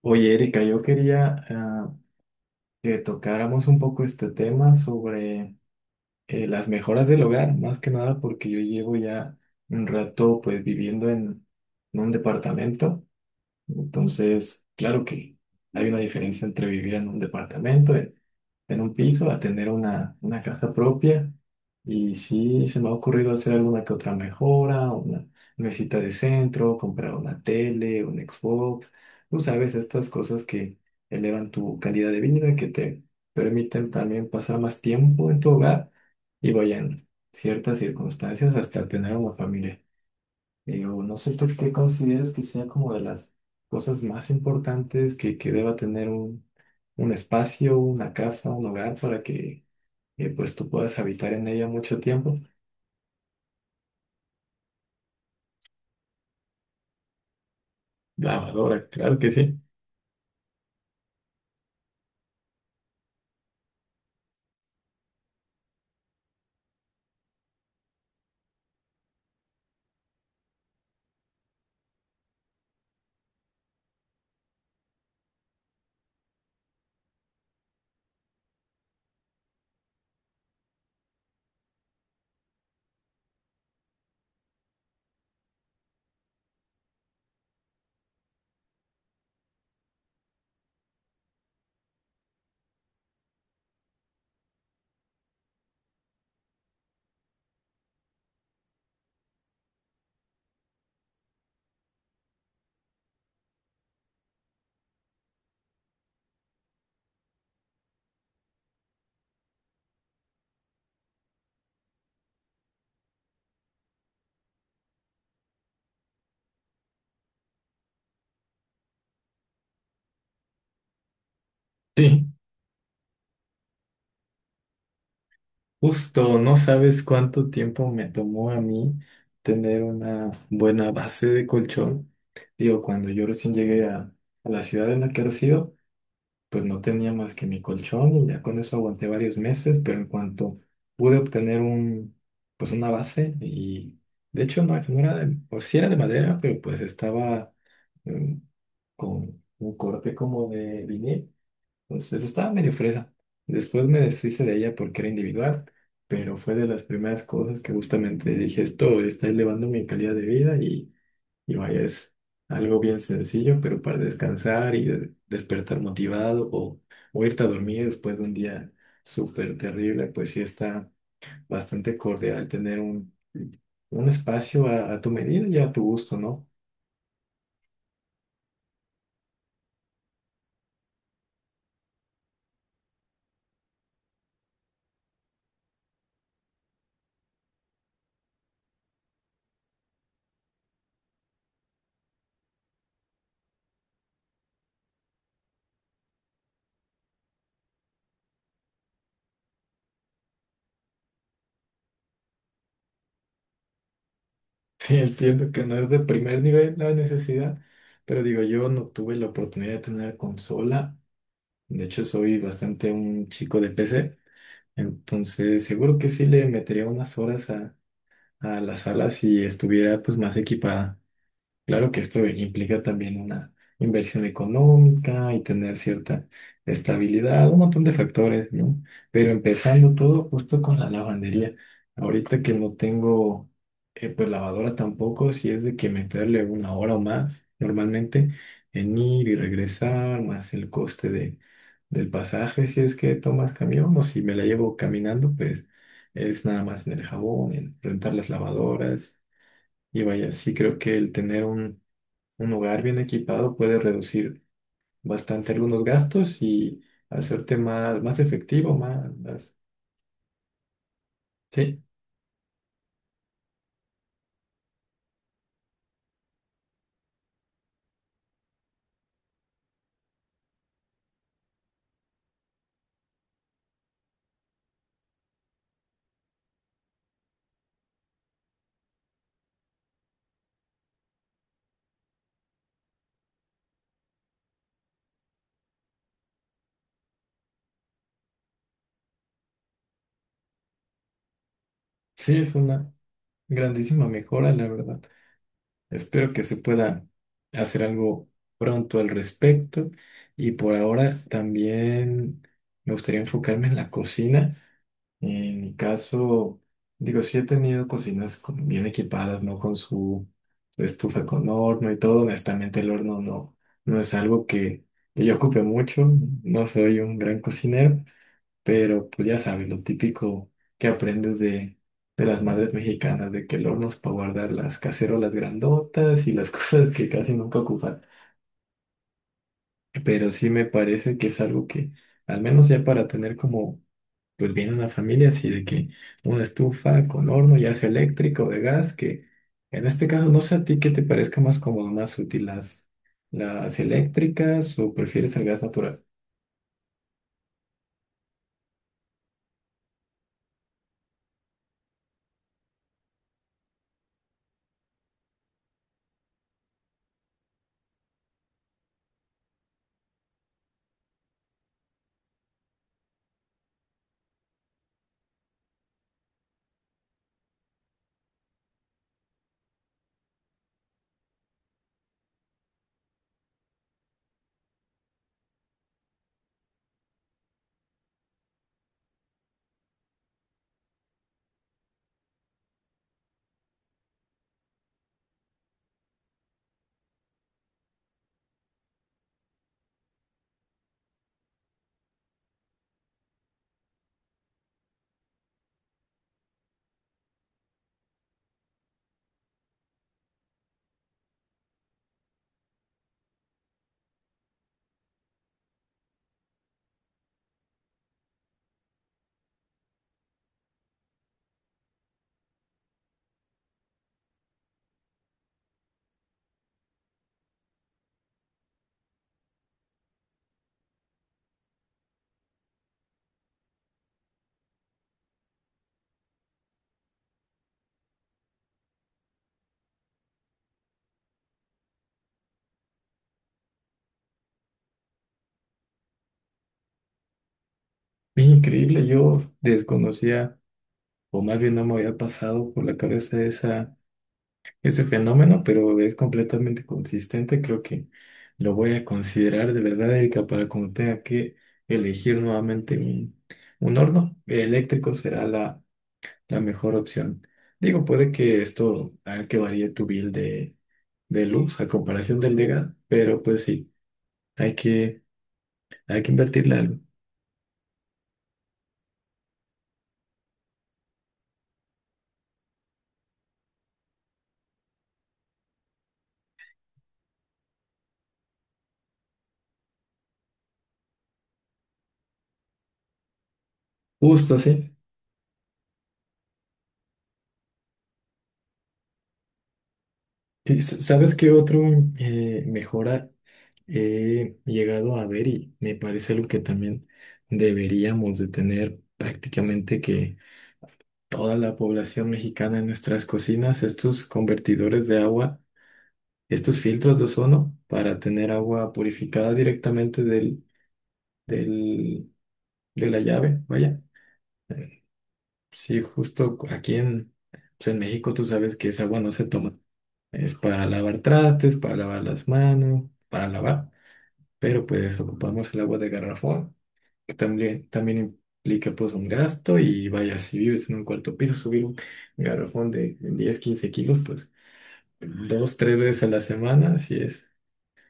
Oye, Erika, yo quería que tocáramos un poco este tema sobre las mejoras del hogar, más que nada porque yo llevo ya un rato pues viviendo en un departamento. Entonces, claro que hay una diferencia entre vivir en un departamento, en un piso, a tener una casa propia. Y sí, se me ha ocurrido hacer alguna que otra mejora, una mesita de centro, comprar una tele, un Xbox. Tú sabes, estas cosas que elevan tu calidad de vida, que te permiten también pasar más tiempo en tu hogar y vayan ciertas circunstancias hasta tener una familia. Pero no sé por qué consideras que sea como de las cosas más importantes que deba tener un espacio, una casa, un hogar para que pues tú puedas habitar en ella mucho tiempo. Lavadora, claro que sí. Sí, justo, no sabes cuánto tiempo me tomó a mí tener una buena base de colchón. Digo, cuando yo recién llegué a la ciudad en la que resido, pues no tenía más que mi colchón y ya con eso aguanté varios meses, pero en cuanto pude obtener pues una base, y de hecho no era de, o sí era de madera, pero pues estaba mm, con un corte como de vinil, entonces estaba medio fresa. Después me deshice de ella porque era individual, pero fue de las primeras cosas que justamente dije, esto está elevando mi calidad de vida, y vaya, es algo bien sencillo, pero para descansar y despertar motivado o irte a dormir después de un día súper terrible, pues sí está bastante cordial tener un espacio a tu medida y a tu gusto, ¿no? Sí, entiendo que no es de primer nivel la necesidad, pero digo, yo no tuve la oportunidad de tener consola. De hecho, soy bastante un chico de PC, entonces seguro que sí le metería unas horas a la sala si estuviera pues más equipada. Claro que esto implica también una inversión económica y tener cierta estabilidad, un montón de factores, ¿no? Pero empezando todo justo con la lavandería. Ahorita que no tengo, pues lavadora tampoco, si es de que meterle una hora o más normalmente en ir y regresar, más el coste del pasaje, si es que tomas camión o si me la llevo caminando, pues es nada más en el jabón, en rentar las lavadoras. Y vaya, sí creo que el tener un hogar bien equipado puede reducir bastante algunos gastos y hacerte más efectivo. Sí, sí, es una grandísima mejora, la verdad. Espero que se pueda hacer algo pronto al respecto. Y por ahora también me gustaría enfocarme en la cocina. En mi caso, digo, sí he tenido cocinas bien equipadas, ¿no? Con su estufa con horno y todo. Honestamente, el horno no es algo que yo ocupe mucho. No soy un gran cocinero, pero pues ya sabes, lo típico que aprendes de las madres mexicanas, de que el horno es para guardar las cacerolas grandotas y las cosas que casi nunca ocupan. Pero sí me parece que es algo que, al menos ya para tener como pues viene una familia, así de que una estufa con horno, ya sea eléctrico o de gas, que en este caso no sé a ti qué te parezca más cómodo, más útil las eléctricas, o prefieres el gas natural. Es increíble, yo desconocía o más bien no me había pasado por la cabeza ese fenómeno, pero es completamente consistente. Creo que lo voy a considerar de verdad, Erika. Para cuando tenga que elegir nuevamente un horno eléctrico, será la mejor opción. Digo, puede que esto haga que varíe tu bill de luz a comparación del de pero pues sí, hay que, hay que invertirle algo. Justo, sí. Y ¿sabes qué otro mejora he llegado a ver y me parece algo que también deberíamos de tener prácticamente que toda la población mexicana en nuestras cocinas? Estos convertidores de agua, estos filtros de ozono para tener agua purificada directamente del, de la llave, vaya. Eh, Sí, justo aquí pues en México tú sabes que esa agua no se toma. Es para lavar trastes, para lavar las manos, para lavar. Pero pues ocupamos el agua de garrafón, que también implica pues un gasto, y vaya, si vives en un cuarto piso, subir un garrafón de 10 15 kilos, pues dos, tres veces a la semana, si es,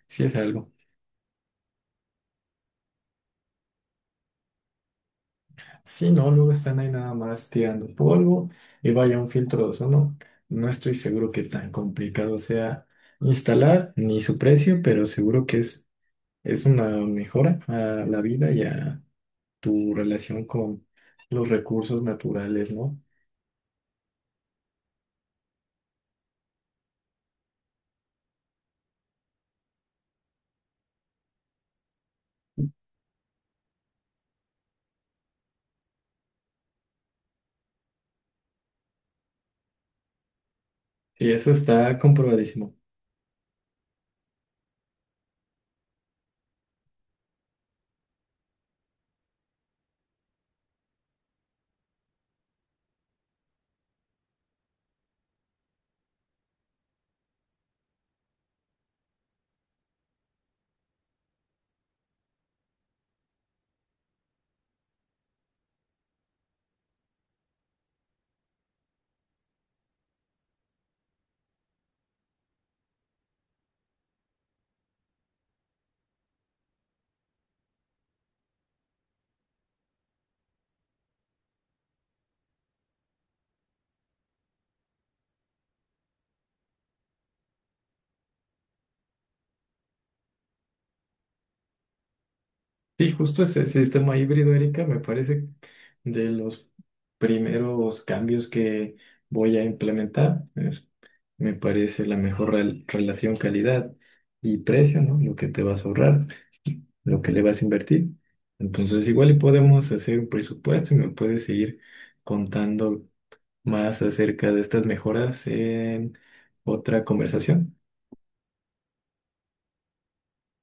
sí es algo. Sí, no, luego están ahí nada más tirando polvo, y vaya, un filtro de ozono. No estoy seguro que tan complicado sea instalar ni su precio, pero seguro que es una mejora a la vida y a tu relación con los recursos naturales, ¿no? Y eso está comprobadísimo. Sí, justo ese sistema híbrido, Erika, me parece de los primeros cambios que voy a implementar. Me parece la mejor relación calidad y precio, ¿no? Lo que te vas a ahorrar, lo que le vas a invertir. Entonces, igual y podemos hacer un presupuesto y me puedes seguir contando más acerca de estas mejoras en otra conversación.